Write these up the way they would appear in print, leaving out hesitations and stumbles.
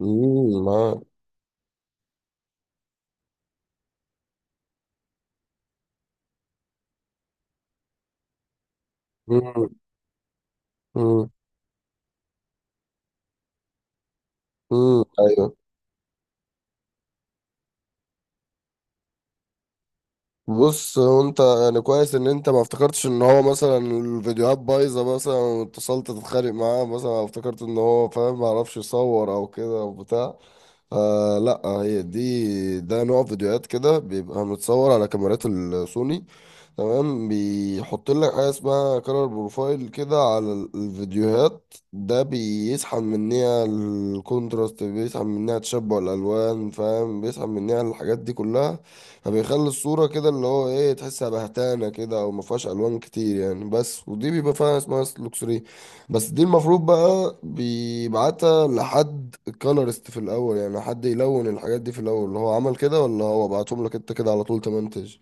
آه. امم. امم. ايوه. بص، هو انت يعني كويس ان انت ما افتكرتش ان هو مثلا الفيديوهات بايظه مثلا واتصلت تتخانق معاه، مثلا أو افتكرت ان هو فاهم ما عرفش يصور او كده او بتاع. آه، لا هي دي، ده نوع فيديوهات كده بيبقى متصور على كاميرات السوني، تمام؟ بيحط لك حاجه اسمها كلر بروفايل كده على الفيديوهات ده، بيسحب مننا الكونتراست، بيسحب مننا تشبع الالوان، فاهم؟ بيسحب مننا الحاجات دي كلها. فبيخلي الصوره كده اللي هو ايه، تحسها بهتانه كده او ما فيهاش الوان كتير يعني، بس ودي بيبقى فيها اسمها لوكسري. بس دي المفروض بقى بيبعتها لحد كولرست في الاول، يعني حد يلون الحاجات دي في الاول اللي هو عمل كده، ولا هو بعتهم لك انت كده على طول تمنتج؟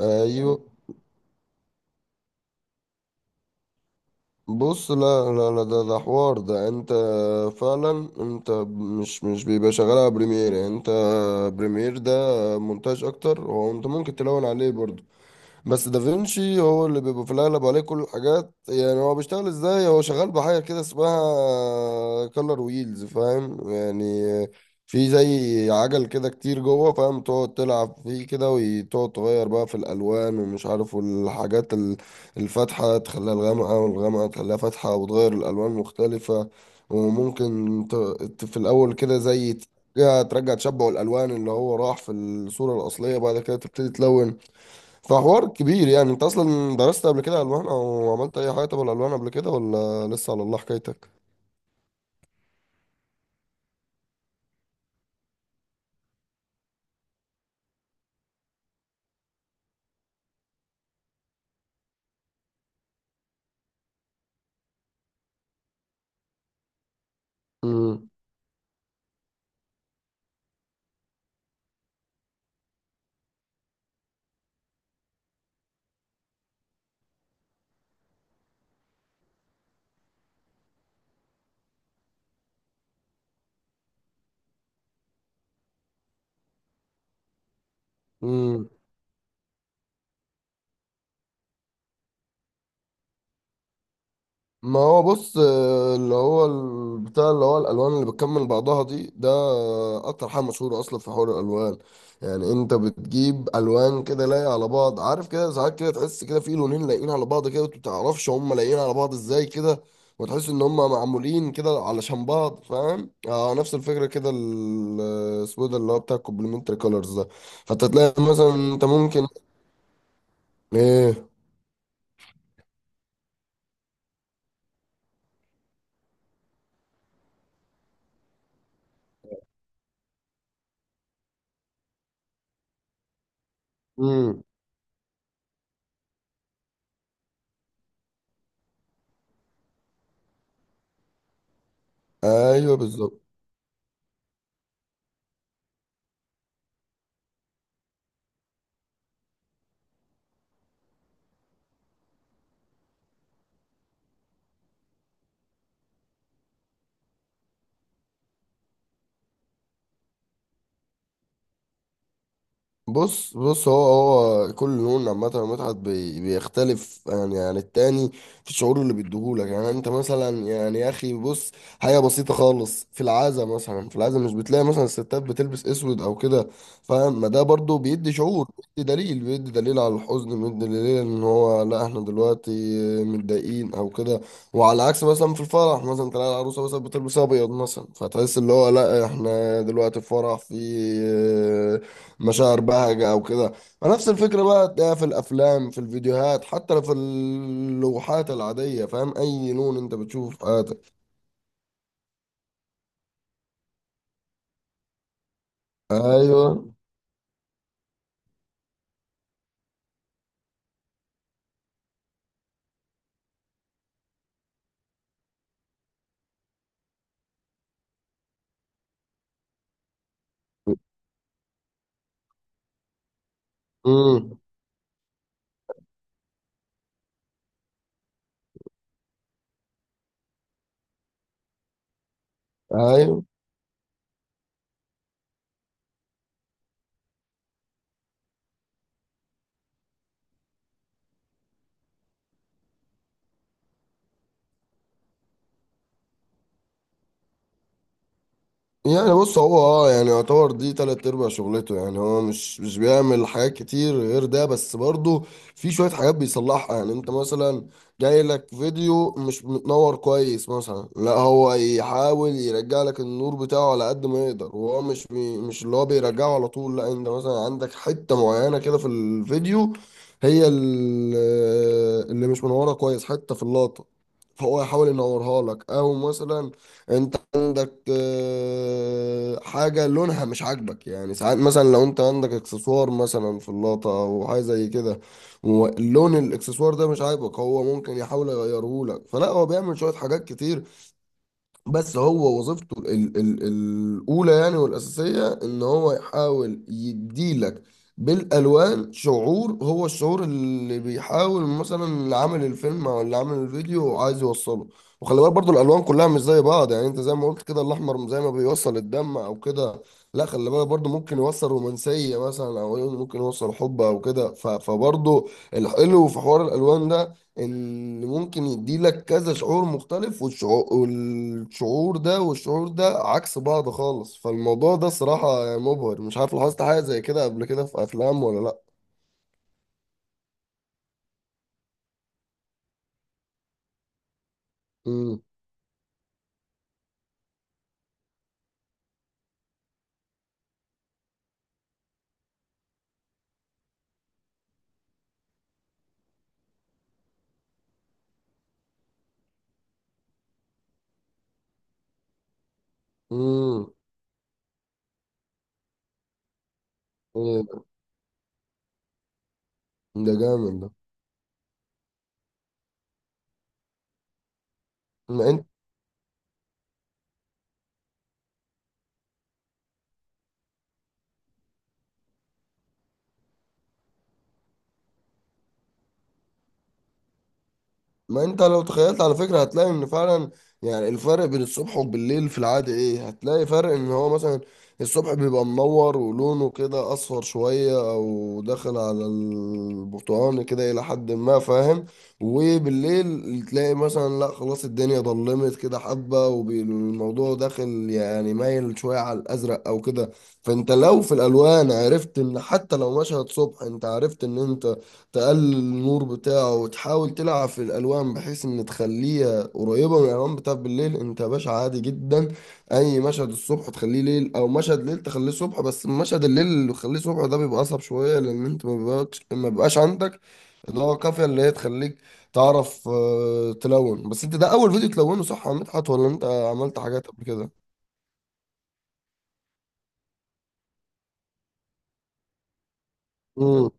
ايوه. بص، لا، ده حوار، ده انت فعلا انت مش بيبقى شغال على بريمير يعني، انت بريمير ده مونتاج اكتر، وانت ممكن تلون عليه برضه، بس دافنشي هو اللي بيبقى في الأغلب عليه كل الحاجات. يعني هو بيشتغل ازاي؟ هو شغال بحاجة كده اسمها كولر ويلز، فاهم يعني؟ في زي عجل كده كتير جوه، فاهم؟ تقعد تلعب فيه كده، وتقعد تغير بقى في الألوان ومش عارف، والحاجات الفاتحة تخليها الغامقة، والغامقة تخليها فاتحة، وتغير الألوان مختلفة. وممكن في الأول كده زي ترجع تشبع الألوان اللي هو راح في الصورة الأصلية، بعد كده تبتدي تلون. فحوار كبير يعني. انت اصلا درست قبل كده الوان، او عملت اي حاجه تبع الالوان قبل كده، ولا لسه على الله حكايتك؟ امم. ما هو بص، آه، اللي هو بتاع اللي هو الالوان اللي بتكمل بعضها دي، ده اكتر حاجه مشهوره اصلا في حوار الالوان. يعني انت بتجيب الوان كده لايقه على بعض، عارف كده؟ ساعات كده تحس كده في لونين لايقين على بعض كده، وانت متعرفش هم لايقين على بعض ازاي كده، وتحس ان هم معمولين كده علشان بعض، فاهم؟ آه، نفس الفكره كده، اسمه إيه ده اللي هو بتاع الكومبلمنتري كولرز ده. فانت تلاقي مثلا انت ممكن. ايه؟ امم. ايوه بالظبط. بص بص، هو هو كل لون عامة متعة بيختلف يعني عن التاني في الشعور اللي بيديهولك. يعني انت مثلا يعني يا اخي بص، حاجة بسيطة خالص، في العازة مثلا، في العازة مش بتلاقي مثلا الستات بتلبس اسود او كده؟ فاهم؟ ما ده برضو بيدي شعور، بيدي دليل، بيدي دليل على الحزن، بيدي دليل ان هو لا احنا دلوقتي متضايقين او كده. وعلى عكس مثلا في الفرح مثلا، تلاقي العروسة مثلا بتلبس ابيض مثلا، فتحس اللي هو لا احنا دلوقتي في فرح، في مشاعر بهجة أو كده. نفس الفكرة بقى تلاقيها في الأفلام، في الفيديوهات، حتى لو في اللوحات العادية، فاهم؟ أي لون أنت بتشوفه في حياتك. أيوه. امم. أيوه. يعني بص، هو اه يعني يعتبر دي تلات ارباع شغلته يعني، هو مش بيعمل حاجات كتير غير ده، بس برضه في شوية حاجات بيصلحها. يعني انت مثلا جاي لك فيديو مش متنور كويس مثلا، لا هو يحاول يرجع لك النور بتاعه على قد ما يقدر. وهو مش اللي هو بيرجعه على طول، لا انت مثلا عندك حتة معينة كده في الفيديو، هي اللي مش منورة كويس، حتة في اللقطة، فهو يحاول ينورها لك. او مثلا انت عندك آه، حاجة لونها مش عاجبك، يعني ساعات مثلا لو انت عندك اكسسوار مثلا في اللقطة او حاجة زي كده، واللون الاكسسوار ده مش عاجبك، هو ممكن يحاول يغيره لك. فلا هو بيعمل شوية حاجات كتير. بس هو وظيفته ال ال الأولى يعني والأساسية، إن هو يحاول يديلك بالألوان شعور، هو الشعور اللي بيحاول مثلا اللي عامل الفيلم أو اللي عامل الفيديو عايز يوصله. وخلي بالك برضو الألوان كلها مش زي بعض، يعني أنت زي ما قلت كده، الأحمر زي ما بيوصل الدم أو كده، لا خلي بالك برضو ممكن يوصل رومانسية مثلا، أو ممكن يوصل حب أو كده. فبرضو الحلو في حوار الألوان ده، اللي ممكن يديلك كذا شعور مختلف، والشعور ده عكس بعض خالص. فالموضوع ده صراحة يعني مبهر. مش عارف، لاحظت حاجة زي كده قبل كده في أفلام ولا لأ؟ امم. امم. إيه ده؟ ده جامد ده. ما انت لو تخيلت على فكرة هتلاقي ان فعلا، يعني الفرق بين الصبح وبالليل في العادة ايه، هتلاقي فرق ان هو مثلا الصبح بيبقى منور ولونه كده اصفر شوية، او داخل على البرتقاني كده الى حد ما، فاهم؟ وبالليل تلاقي مثلا لا خلاص الدنيا ضلمت كده حبة، والموضوع داخل يعني مايل شوية على الازرق او كده. فانت لو في الالوان عرفت ان حتى لو مشهد صبح، انت عرفت ان انت تقلل النور بتاعه، وتحاول تلعب في الالوان بحيث ان تخليها قريبه من الالوان بتاعت بالليل، انت يا باشا عادي جدا اي مشهد الصبح تخليه ليل، او مشهد ليل تخليه صبح. بس مشهد الليل اللي تخليه صبح ده بيبقى اصعب شويه، لان انت ما بيبقاش عندك اللي هو كافيه اللي هي تخليك تعرف آه، تلون. بس انت ده اول فيديو تلونه صح يا مدحت، ولا انت عملت حاجات قبل كده؟ امم.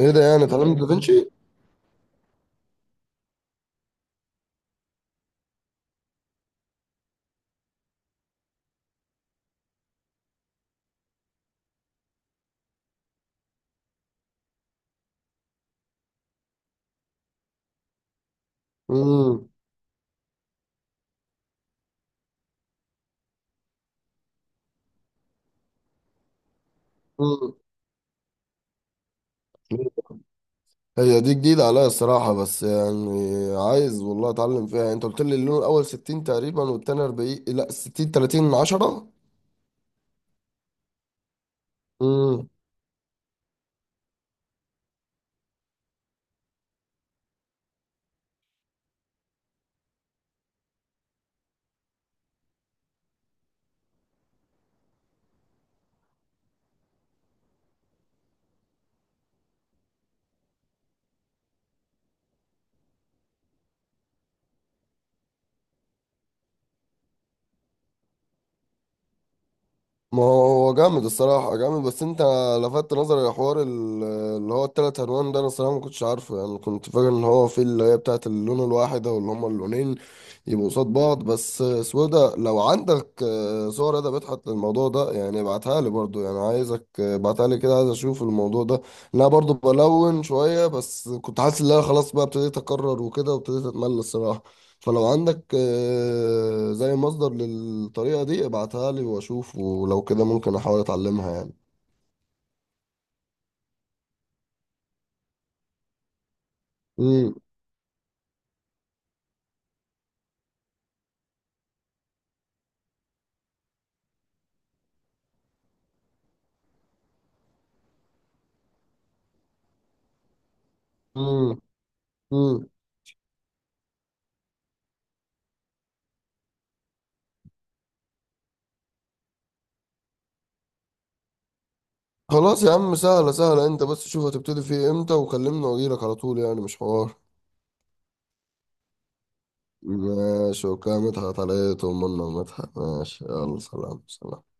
ايه ده، يعني اتعلمت دافنشي؟ امم. هي دي جديدة عليا الصراحة، بس يعني عايز والله اتعلم فيها يعني. انت قلت لي اللون الاول 60 تقريبا، والتاني 40، لا 60 30 من 10؟ امم. ما هو جامد الصراحة، جامد. بس انت لفتت نظري لحوار اللي هو التلات الوان ده، انا الصراحة ما كنتش عارفه. يعني كنت فاكر ان هو في اللي هي بتاعت اللون الواحد، او اللي هما اللونين يبقوا قصاد بعض بس. سودا لو عندك آه، صور ادبت حتى الموضوع ده يعني ابعتها لي برضو، يعني عايزك آه، ابعتها لي كده، عايز اشوف الموضوع ده. إن انا برضو بلون شوية، بس كنت حاسس ان انا خلاص بقى ابتديت اكرر وكده، وابتديت اتمل الصراحة. فلو عندك آه، زي مصدر للطريقة دي ابعتها لي واشوف، ولو كده ممكن احاول اتعلمها يعني. امم. امم. امم. خلاص يا عم سهلة، سهلة. انت بس شوف هتبتدي فيه امتى وكلمني، واجيلك على طول يعني، مش حوار. ماشي، وكامتها عليه، طمنا. ومدحت ماشي، يلا سلام سلام.